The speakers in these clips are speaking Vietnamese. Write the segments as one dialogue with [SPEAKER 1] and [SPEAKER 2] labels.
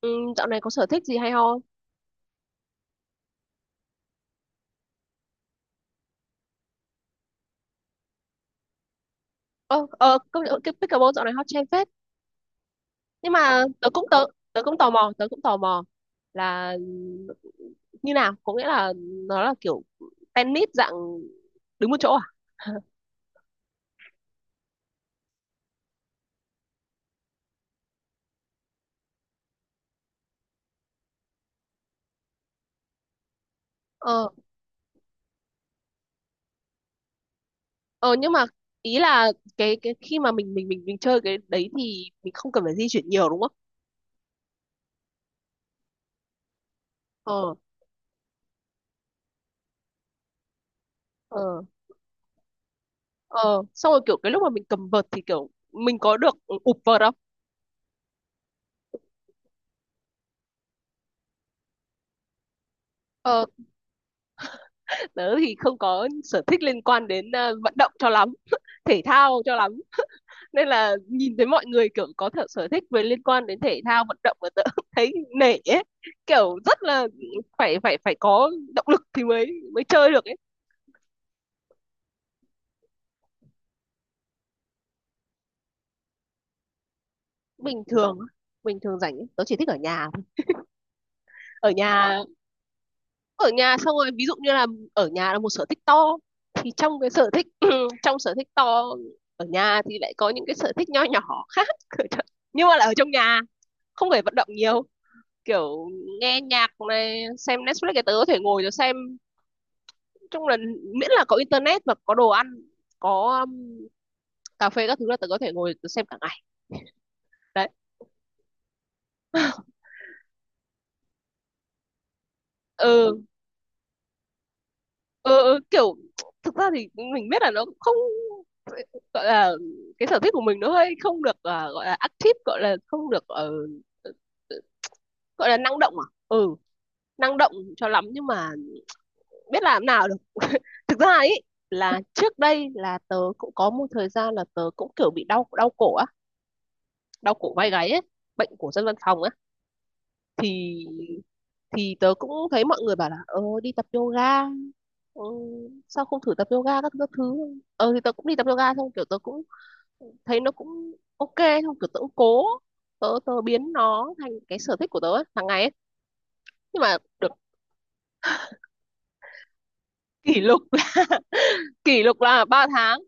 [SPEAKER 1] Ừ, dạo này có sở thích gì hay ho không? Ờ, công nhận cái pickleball dạo này hot trend phết. Nhưng mà tớ cũng tò mò, là như nào? Có nghĩa là nó là kiểu tennis dạng đứng một chỗ à? Ờ, ờ nhưng mà ý là cái khi mà mình chơi cái đấy thì mình không cần phải di chuyển nhiều đúng không? Ờ, ờ, ờ. Xong rồi kiểu cái lúc mà mình cầm vợt thì kiểu mình có được ụp vợt không? Ờ. Tớ thì không có sở thích liên quan đến vận động cho lắm thể thao cho lắm, nên là nhìn thấy mọi người kiểu có thể sở thích về liên quan đến thể thao vận động mà tớ thấy nể ấy, kiểu rất là phải phải phải có động lực thì mới mới chơi được ấy. Bình thường bình thường rảnh ấy, tớ chỉ thích ở nhà thôi. Ở nhà. Ở nhà xong rồi ví dụ như là ở nhà là một sở thích to, thì trong cái sở thích trong sở thích to ở nhà thì lại có những cái sở thích nho nhỏ khác nhưng mà là ở trong nhà, không phải vận động nhiều, kiểu nghe nhạc này xem Netflix, cái tớ có thể ngồi rồi xem. Chung là miễn là có internet và có đồ ăn, có cà phê các thứ là tớ có thể ngồi tớ xem cả ngày đấy. Ừ. Ờ, kiểu thực ra thì mình biết là nó cũng không gọi là cái sở thích của mình, nó hơi không được, gọi là active, gọi là không được ờ, gọi là năng động, à ừ, năng động cho lắm, nhưng mà biết làm nào được. Thực ra ấy là trước đây là tớ cũng có một thời gian là tớ cũng kiểu bị đau đau cổ á, đau cổ vai gáy ấy, bệnh của dân văn phòng á, thì thì tớ cũng thấy mọi người bảo là đi tập yoga. Ừ, sao không thử tập yoga các, thứ các thứ. Ờ thì tớ cũng đi tập yoga xong kiểu tớ cũng thấy nó cũng ok, xong kiểu tớ cũng cố, tớ tớ biến nó thành cái sở thích của tớ ấy, hàng ngày ấy. Nhưng mà được kỷ lục là, kỷ lục là ba tháng.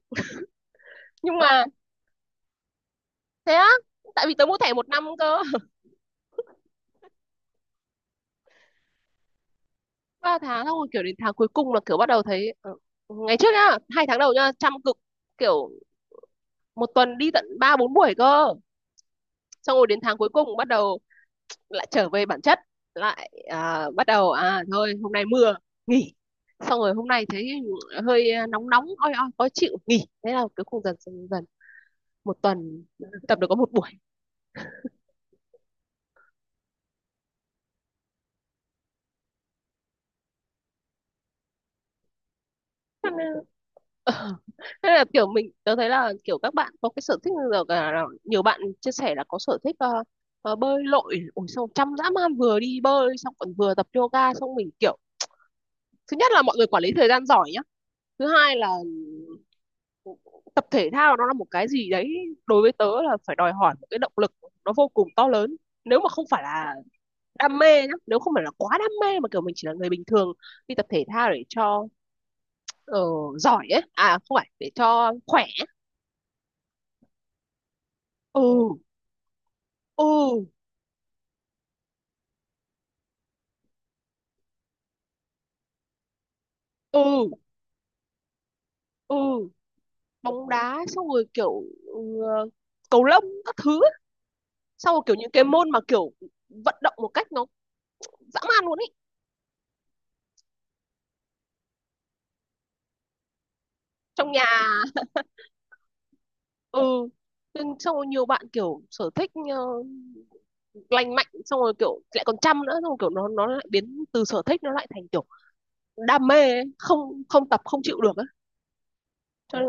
[SPEAKER 1] Nhưng mà thế á, tại vì tớ mua thẻ một năm cơ. Ba tháng xong rồi kiểu đến tháng cuối cùng là kiểu bắt đầu thấy ngày trước nhá hai tháng đầu nhá chăm cực, kiểu một tuần đi tận ba bốn buổi cơ, xong rồi đến tháng cuối cùng bắt đầu lại trở về bản chất, lại bắt đầu à thôi hôm nay mưa nghỉ, xong rồi hôm nay thấy hơi nóng nóng oi oi khó chịu nghỉ, thế là cứ khung dần dần dần một tuần tập được có một buổi. Thế là kiểu mình tớ thấy là kiểu các bạn có cái sở thích giờ cả nhiều bạn chia sẻ là có sở thích bơi lội ủa xong chăm dã man vừa đi bơi xong còn vừa tập yoga, xong mình kiểu thứ nhất là mọi người quản lý thời gian giỏi nhá, thứ hai là tập thể thao nó là một cái gì đấy đối với tớ là phải đòi hỏi một cái động lực, nó vô cùng to lớn. Nếu mà không phải là đam mê nhá, nếu không phải là quá đam mê mà kiểu mình chỉ là người bình thường đi tập thể thao để cho ờ, giỏi ấy, à không phải để cho khỏe. Ừ. Ừ. Ừ. Ừ. Bóng đá xong rồi kiểu ừ, cầu lông các thứ ấy. Xong rồi kiểu những cái môn mà kiểu vận động một cách nó dã man luôn ấy. Trong nhà. Ừ nhưng xong rồi nhiều bạn kiểu sở thích lành mạnh, xong rồi kiểu lại còn chăm nữa, xong rồi kiểu nó lại biến từ sở thích nó lại thành kiểu đam mê ấy. Không, không tập không chịu được á. Cho nên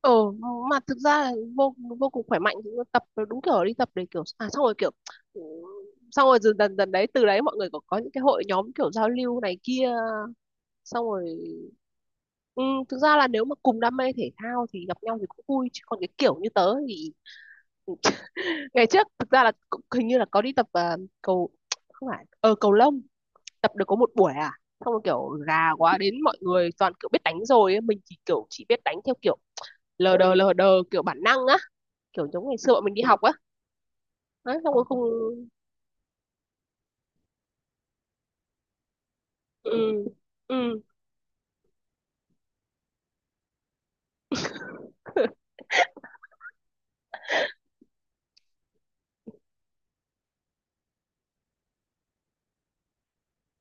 [SPEAKER 1] ờ, mà thực ra là vô vô cùng khỏe mạnh. Tập đúng kiểu đi tập để kiểu à xong rồi kiểu ừ, xong rồi dần dần dần đấy từ đấy mọi người có những cái hội nhóm kiểu giao lưu này kia xong rồi ừ, thực ra là nếu mà cùng đam mê thể thao thì gặp nhau thì cũng vui, chứ còn cái kiểu như tớ thì ừ, ngày trước thực ra là cũng hình như là có đi tập cầu, không phải cầu lông, tập được có một buổi à, xong rồi kiểu gà quá đến mọi người toàn kiểu biết đánh rồi ấy. Mình thì kiểu chỉ biết đánh theo kiểu lờ đờ lờ đờ, kiểu bản năng á, kiểu giống ngày xưa bọn mình đi học á. Đấy xong rồi không. Ừ. Ừ.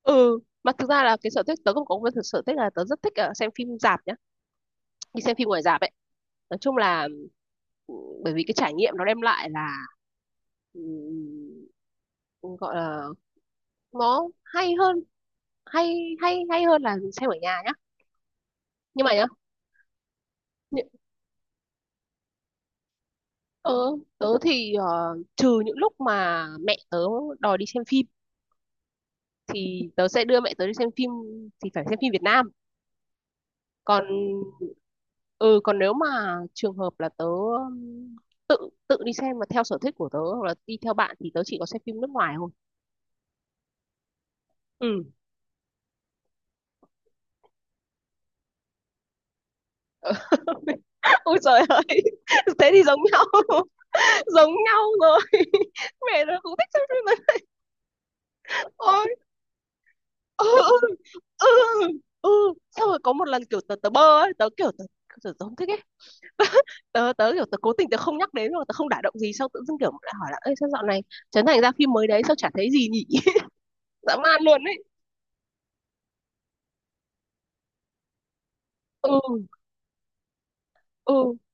[SPEAKER 1] Ừ mà thực ra là cái sở thích tớ không có, một cái sở thích là tớ rất thích xem phim rạp nhá, đi xem phim ngoài rạp ấy. Nói chung là ừ, bởi vì cái trải nghiệm nó đem lại là ừ, ừ, gọi là nó hay hơn, hay hay hay hơn là xem ở nhà nhá. Nhưng mà nhá. Tớ, tớ thì trừ những lúc mà mẹ tớ đòi đi xem phim thì tớ sẽ đưa mẹ tớ đi xem phim, thì phải xem phim Việt Nam. Còn ừ còn nếu mà trường hợp là tớ tự, tự đi xem mà theo sở thích của tớ hoặc là đi theo bạn thì tớ chỉ có xem phim nước ngoài thôi. Ừ. Ôi trời ơi. Thế thì giống nhau. Giống nhau rồi. Mẹ tớ cũng thích xem phim này. Ồ. Ừ. Ừ. Ừ. Ừ. Xong rồi có một lần kiểu tớ tớ bơ ấy, tớ không thích ấy. tớ tớ kiểu tớ cố tình tớ không nhắc đến, rồi tớ không đả động gì, xong tự dưng kiểu lại hỏi là ê sao dạo này Trấn Thành ra phim mới đấy sao chả thấy gì nhỉ. Dã man luôn ấy. Ừ. Ừ.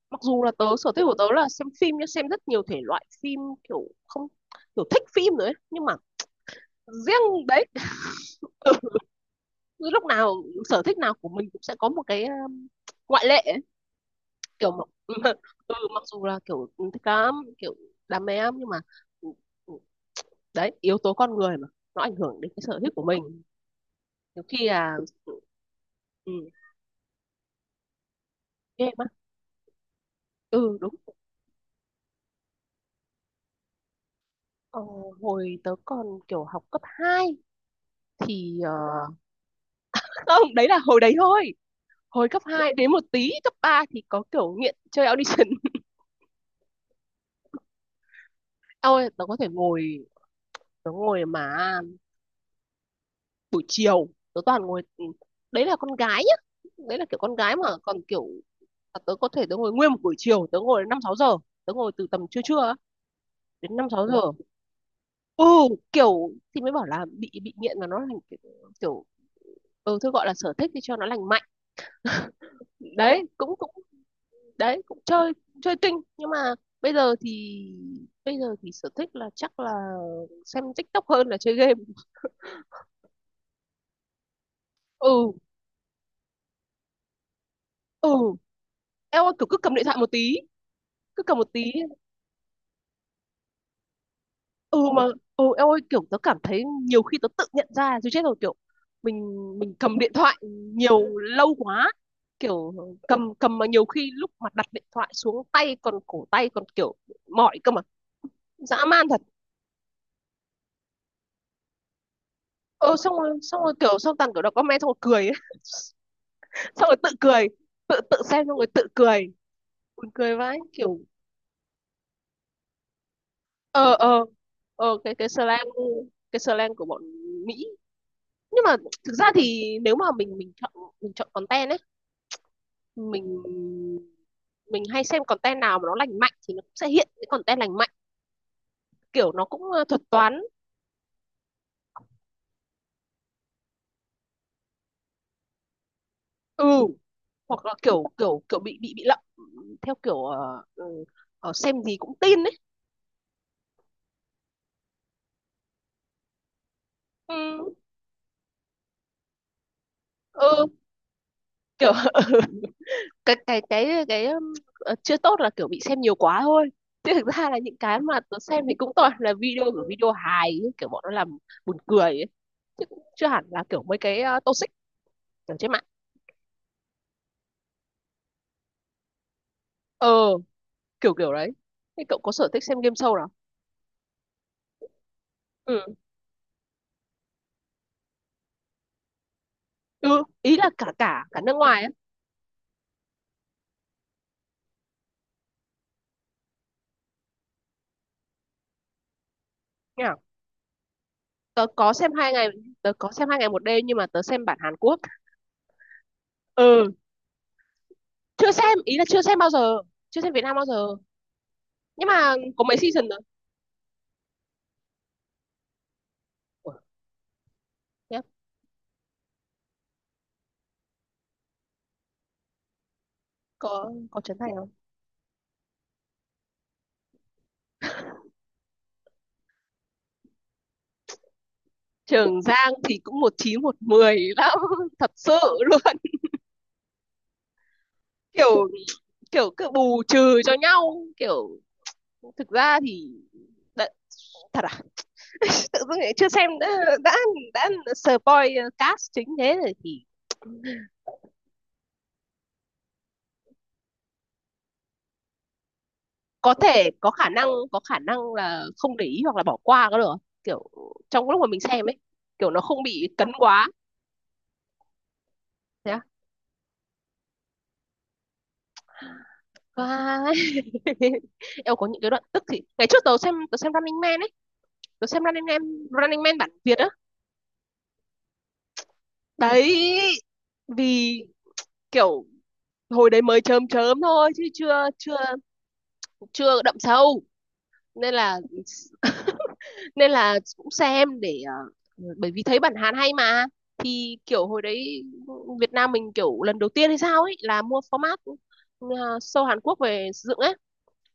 [SPEAKER 1] Mặc dù là tớ sở thích của tớ là xem phim, nhưng xem rất nhiều thể loại phim, kiểu không, kiểu thích phim rồi ấy nhưng mà riêng đấy. Cứ lúc nào sở thích nào của mình cũng sẽ có một cái ngoại lệ ấy. Kiểu mặc, ừ, mặc dù là kiểu ừ, thích lắm kiểu đam mê lắm nhưng mà ừ, ừ, đấy yếu tố con người mà, nó ảnh hưởng đến cái sở thích của mình nhiều khi là ừ, game á. Ừ đúng. ờ, hồi tớ còn kiểu học cấp 2 thì không đấy là hồi đấy thôi. Hồi cấp 2 đến một tí cấp 3 thì có kiểu nghiện chơi audition. Ôi tớ có thể ngồi, tớ ngồi mà buổi chiều tớ toàn ngồi ừ, đấy là con gái nhá, đấy là kiểu con gái mà còn kiểu tớ có thể tớ ngồi nguyên một buổi chiều tớ ngồi đến năm sáu giờ, tớ ngồi từ tầm trưa trưa á, đến năm sáu giờ. Ừ kiểu thì mới bảo là bị nghiện mà nó thành kiểu, kiểu ừ thôi gọi là sở thích thì cho nó lành mạnh. Đấy cũng cũng, đấy cũng chơi, chơi kinh nhưng mà bây giờ thì, bây giờ thì sở thích là chắc là xem TikTok hơn là chơi game. Ừ. Ừ. Eo ơi, kiểu cứ cầm điện thoại một tí, cứ cầm một tí. Ừ mà ừ em ơi kiểu tớ cảm thấy nhiều khi tớ tự nhận ra chứ chết rồi kiểu mình mình cầm điện thoại nhiều lâu quá, kiểu cầm cầm mà nhiều khi lúc mà đặt điện thoại xuống tay còn cổ tay còn kiểu mỏi cơ mà, dã man thật. Ờ xong rồi kiểu xong toàn kiểu đọc comment xong rồi cười ấy. Xong rồi tự cười, tự tự xem xong rồi tự cười, buồn cười vãi kiểu. ờ ờ cái slang, cái slang của bọn Mỹ nhưng mà thực ra thì nếu mà mình chọn, mình chọn content ấy, mình mình hay xem content nào mà nó lành mạnh thì nó cũng sẽ hiện cái content lành mạnh, kiểu nó cũng thuật toán. Ừ hoặc là kiểu kiểu kiểu bị lậm theo kiểu xem gì cũng tin ấy. Ừ, ừ kiểu cái chưa tốt là kiểu bị xem nhiều quá thôi, chứ thực ra là những cái mà tớ xem thì cũng toàn là video của video hài ấy, kiểu bọn nó làm buồn cười ấy. Chứ cũng chưa hẳn là kiểu mấy cái toxic ở trên mạng. Ờ kiểu kiểu đấy. Thế cậu có sở thích xem game show. Ừ, ừ. Ý là cả cả cả nước ngoài ấy. Nha. Tớ có xem hai ngày, tớ có xem hai ngày một đêm nhưng mà tớ xem bản Hàn Quốc. Ừ chưa xem, ý là chưa xem bao giờ, chưa xem Việt Nam bao giờ. Nhưng mà có mấy season rồi. Ủa, nhá, có Trấn Thành không? Trường Giang thì cũng một chín một mười lắm thật sự luôn. Kiểu kiểu cứ bù trừ cho nhau kiểu thực ra thì đã, thật à, tự dưng lại chưa xem đã, đã, đã spoil cast chính thế rồi thì có thể có khả năng, có khả năng là không để ý hoặc là bỏ qua có được không? Kiểu trong lúc mà mình xem ấy, kiểu nó không bị cấn quá. Thế à? Vãi. Em có những cái đoạn tức thì ngày trước tớ xem, tớ xem Running Man ấy, tớ xem Running Man, Running Man bản Việt á. Đấy vì kiểu hồi đấy mới chớm chớm thôi chứ chưa chưa chưa đậm sâu, nên là nên là cũng xem để bởi vì thấy bản Hàn hay mà, thì kiểu hồi đấy Việt Nam mình kiểu lần đầu tiên hay sao ấy là mua format ờ, show Hàn Quốc về sử dụng ấy,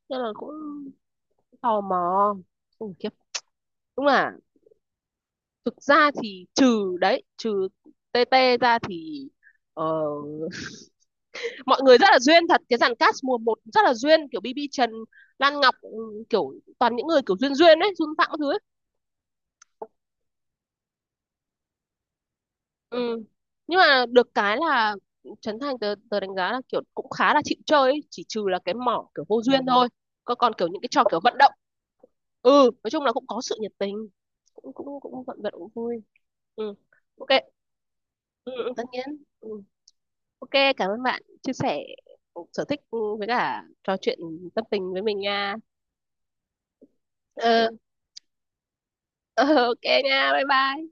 [SPEAKER 1] nên là cũng tò mò. Ui, khiếp. Đúng là thực ra thì trừ đấy trừ TT ra thì ờ, mọi người rất là duyên thật, cái dàn cast mùa một rất là duyên, kiểu BB Trần, Lan Ngọc ừ, kiểu toàn những người kiểu duyên duyên ấy, Xuân Phạm các thứ ấy. Ừ. Nhưng mà được cái là Trấn Thành tớ, tớ đánh giá là kiểu cũng khá là chịu chơi ấy. Chỉ trừ là cái mỏ kiểu vô duyên thôi, còn còn kiểu những cái trò kiểu vận động ừ nói chung là cũng có sự nhiệt tình, cũng cũng cũng vận động cũng vui. Ừ. Ok. Ừ, ừ, tất nhiên ừ. Ok. Cảm ơn bạn chia sẻ sở thích ừ, với cả trò chuyện tâm tình với mình nha. Ừ, ok nha bye bye.